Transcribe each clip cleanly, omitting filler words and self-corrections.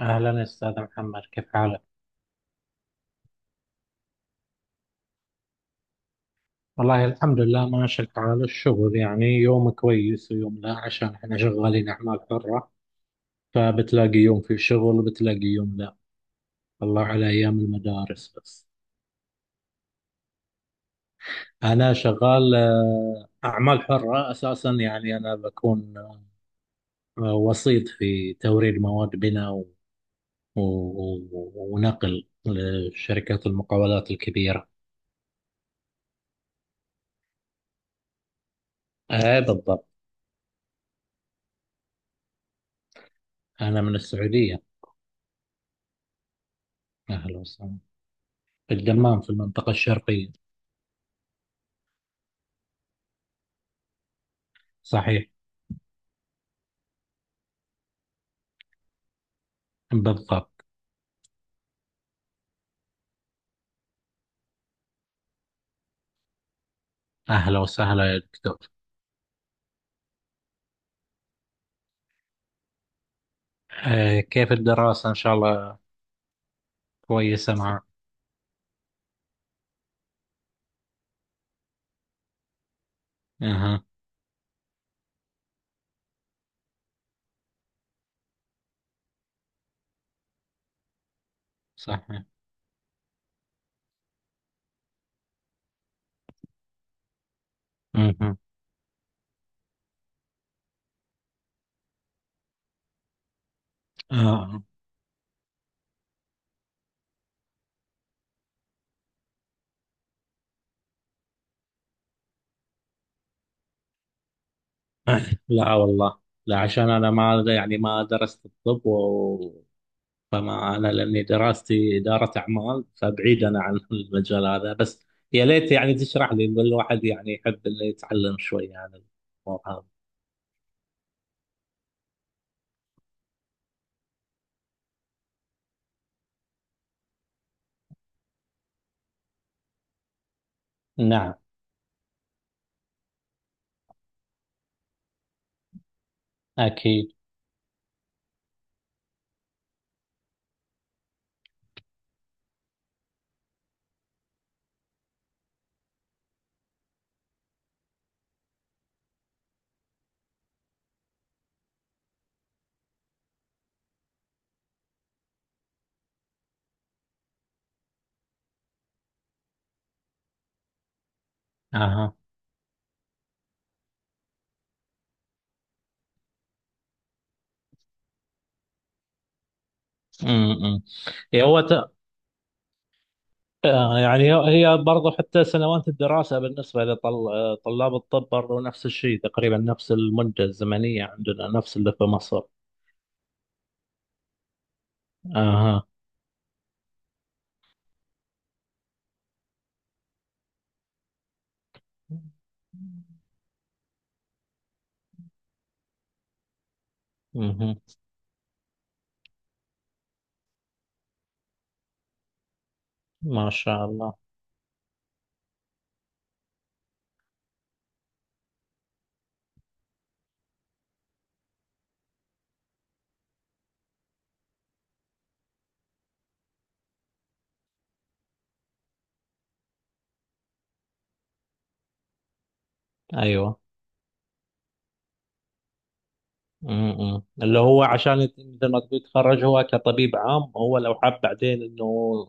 أهلا أستاذ محمد، كيف حالك؟ والله الحمد لله ماشي الحال. الشغل يعني يوم كويس ويوم لا، عشان احنا شغالين أعمال حرة، فبتلاقي يوم في شغل وبتلاقي يوم لا. الله على أيام المدارس بس. أنا شغال أعمال حرة أساسا. يعني أنا بكون وسيط في توريد مواد بناء ونقل لشركات المقاولات الكبيرة. أي بالضبط. أنا من السعودية. أهلا وسهلا. في الدمام، في المنطقة الشرقية. صحيح. بالضبط. أهلا وسهلا يا دكتور. آه، كيف الدراسة؟ إن شاء الله كويسة معك. أها. صحيح. أها. آه. لا والله. لا، عشان أنا ما يعني ما درست الطب و... فما أنا، لأني دراستي إدارة أعمال، فبعيد أنا عن المجال هذا. بس يا ليت يعني تشرح لي. الواحد يعني يحب إنه يتعلم شوي عن الموضوع هذا. نعم. أكيد. أها. أمم. أمم. إيه، آه، يعني هي برضو حتى سنوات الدراسة بالنسبة لطلاب الطب برضو نفس الشيء تقريبا، نفس المدة الزمنية عندنا نفس اللي في مصر. اها. مهم. ما شاء الله. ايوه. مم. اللي هو عشان مثل ما تقول يتخرج هو كطبيب عام، هو لو حاب بعدين انه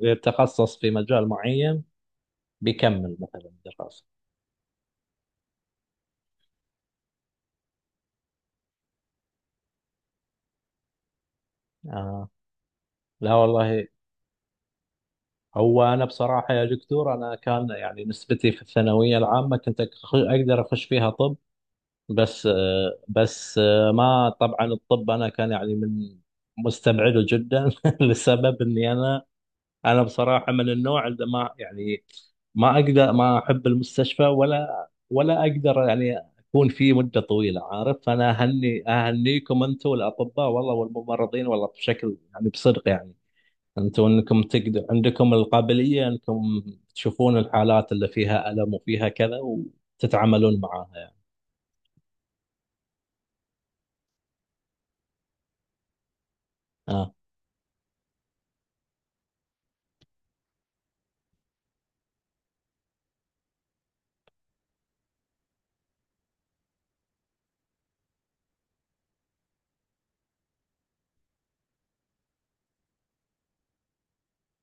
يتخصص في مجال معين بيكمل مثلا الدراسة. آه. لا والله. هو انا بصراحة يا دكتور انا كان يعني نسبتي في الثانوية العامة كنت اقدر اخش فيها طب. بس ما طبعا الطب انا كان يعني من مستبعده جدا لسبب اني انا. انا بصراحه من النوع اللي ما يعني ما اقدر، ما احب المستشفى، ولا ولا اقدر يعني اكون فيه مده طويله، عارف. فانا اهنيكم انتم الاطباء والله والممرضين والله بشكل يعني بصدق يعني. انتم انكم تقدر عندكم القابليه انكم تشوفون الحالات اللي فيها الم وفيها كذا وتتعاملون معاها يعني. اه.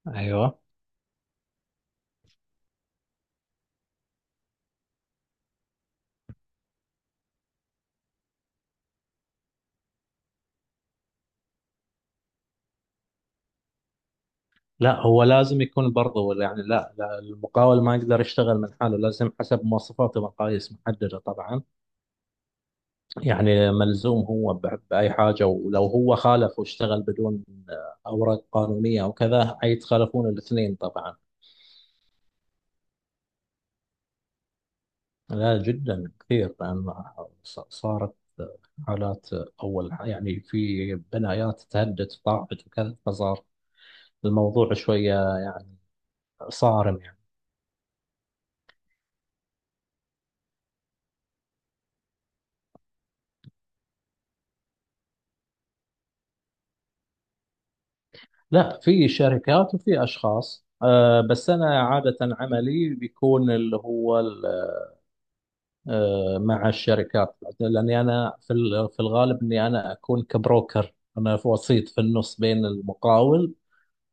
ايوه. لا، هو لازم يكون برضه يعني. لا، المقاول ما يقدر يشتغل من حاله، لازم حسب مواصفات ومقاييس محددة طبعا. يعني ملزوم هو بأي حاجة، ولو هو خالف واشتغل بدون أوراق قانونية أو كذا يتخالفون الاثنين طبعا. لا، جدا كثير. لأن صارت حالات. يعني في بنايات تهدد طاحت وكذا، فصار الموضوع شوية يعني صارم يعني. لا، في شركات وفي اشخاص، أه. بس انا عاده عملي بيكون اللي هو أه مع الشركات، لاني انا في في الغالب اني انا اكون كبروكر، انا في وسيط في النص بين المقاول.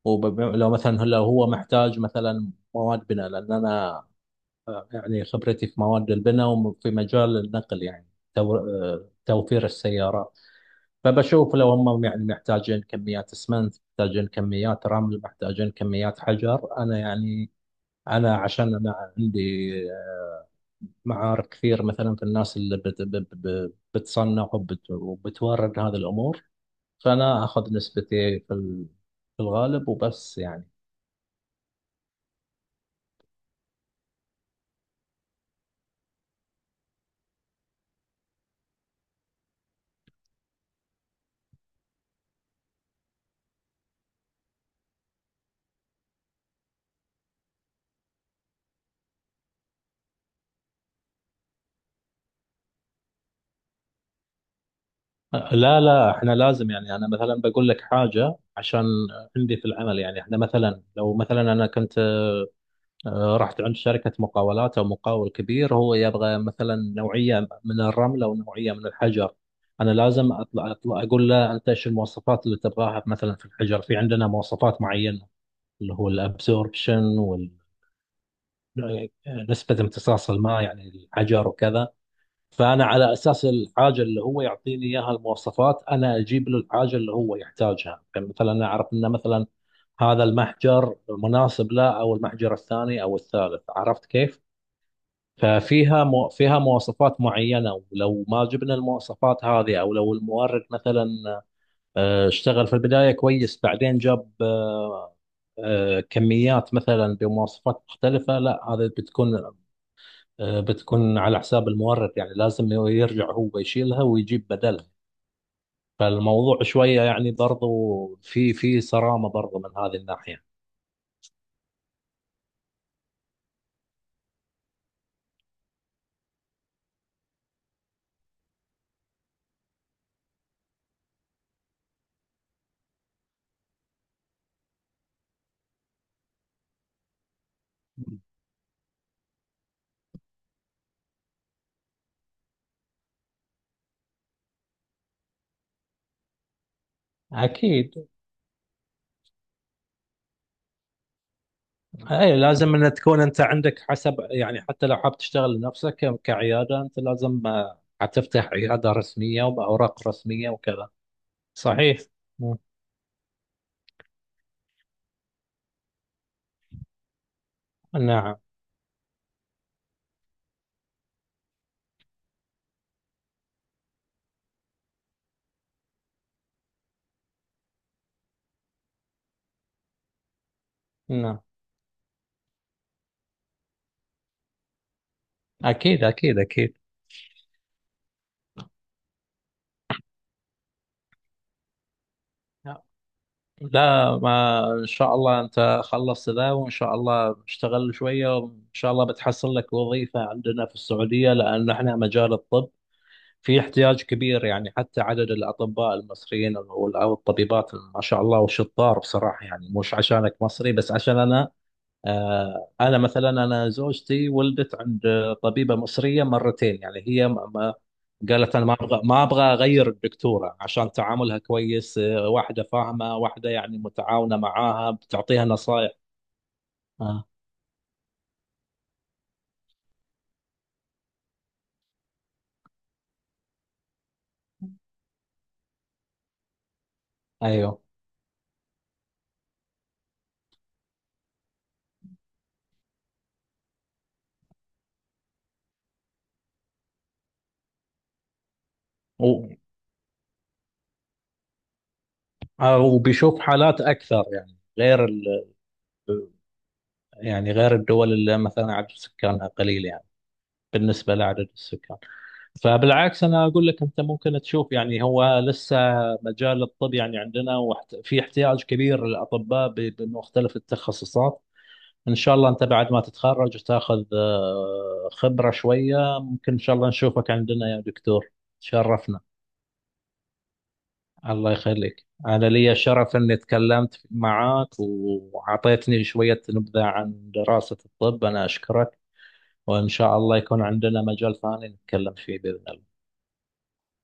ولو مثلا لو هو محتاج مثلا مواد بناء، لان انا آه، يعني خبرتي في مواد البناء وفي مجال النقل، يعني توفير السيارات. فبشوف لو هم يعني محتاجين كميات اسمنت، محتاجين كميات رمل، محتاجين كميات حجر، انا يعني انا عشان انا عندي معارف كثير مثلا في الناس اللي بتصنع وبتورد هذه الامور. فانا اخذ نسبتي في في الغالب وبس يعني. لا، احنا لازم يعني. انا مثلا بقول لك حاجه، عشان عندي في العمل يعني احنا مثلا لو مثلا انا كنت آه، رحت عند شركة مقاولات أو مقاول كبير، هو يبغى مثلا نوعية من الرمل أو نوعية من الحجر. أنا لازم أطلع أقول له أنت إيش المواصفات اللي تبغاها. مثلا في الحجر في عندنا مواصفات معينة، اللي هو الأبسوربشن وال نسبة امتصاص الماء يعني الحجر وكذا. فأنا على أساس الحاجة اللي هو يعطيني إياها المواصفات أنا أجيب له الحاجة اللي هو يحتاجها. يعني مثلا أنا أعرف أنه مثلا هذا المحجر مناسب له أو المحجر الثاني أو الثالث، عرفت كيف؟ ففيها فيها مواصفات معينة، ولو ما جبنا المواصفات هذه، أو لو المورد مثلا اشتغل في البداية كويس بعدين جاب كميات مثلا بمواصفات مختلفة، لا هذا بتكون بتكون على حساب المورد، يعني لازم يرجع هو يشيلها ويجيب بدلها. فالموضوع شوية يعني برضو في في صرامة برضو من هذه الناحية. أكيد. اي، لازم ان تكون انت عندك حسب يعني. حتى لو حاب تشتغل لنفسك كعياده، انت لازم حتفتح عياده رسميه وباوراق رسميه وكذا. صحيح. مم. نعم. نعم. اكيد اكيد اكيد. لا، ما ان شاء الله انت خلصت ذا وان شاء الله اشتغل شويه وان شاء الله بتحصل لك وظيفه عندنا في السعوديه، لان احنا مجال الطب في احتياج كبير. يعني حتى عدد الأطباء المصريين أو أو الطبيبات ما شاء الله والشطار بصراحة. يعني مش عشانك مصري، بس عشان أنا آه، أنا مثلا أنا زوجتي ولدت عند طبيبة مصرية مرتين، يعني هي قالت أنا ما أبغى، ما أبغى أغير الدكتورة، عشان تعاملها كويس، واحدة فاهمة، واحدة يعني متعاونة معاها، بتعطيها نصايح. آه. أيوه. و- آه، وبيشوف حالات أكثر يعني، غير يعني غير الدول اللي مثلا عدد سكانها قليل يعني بالنسبة لعدد السكان. فبالعكس أنا أقول لك أنت ممكن تشوف يعني، هو لسه مجال الطب يعني عندنا في احتياج كبير للأطباء بمختلف التخصصات. إن شاء الله أنت بعد ما تتخرج وتاخذ خبرة شوية ممكن إن شاء الله نشوفك عندنا يا دكتور. تشرفنا. الله يخليك، أنا لي شرف أني تكلمت معك وأعطيتني شوية نبذة عن دراسة الطب. أنا أشكرك، وإن شاء الله يكون عندنا مجال ثاني نتكلم فيه بإذن الله.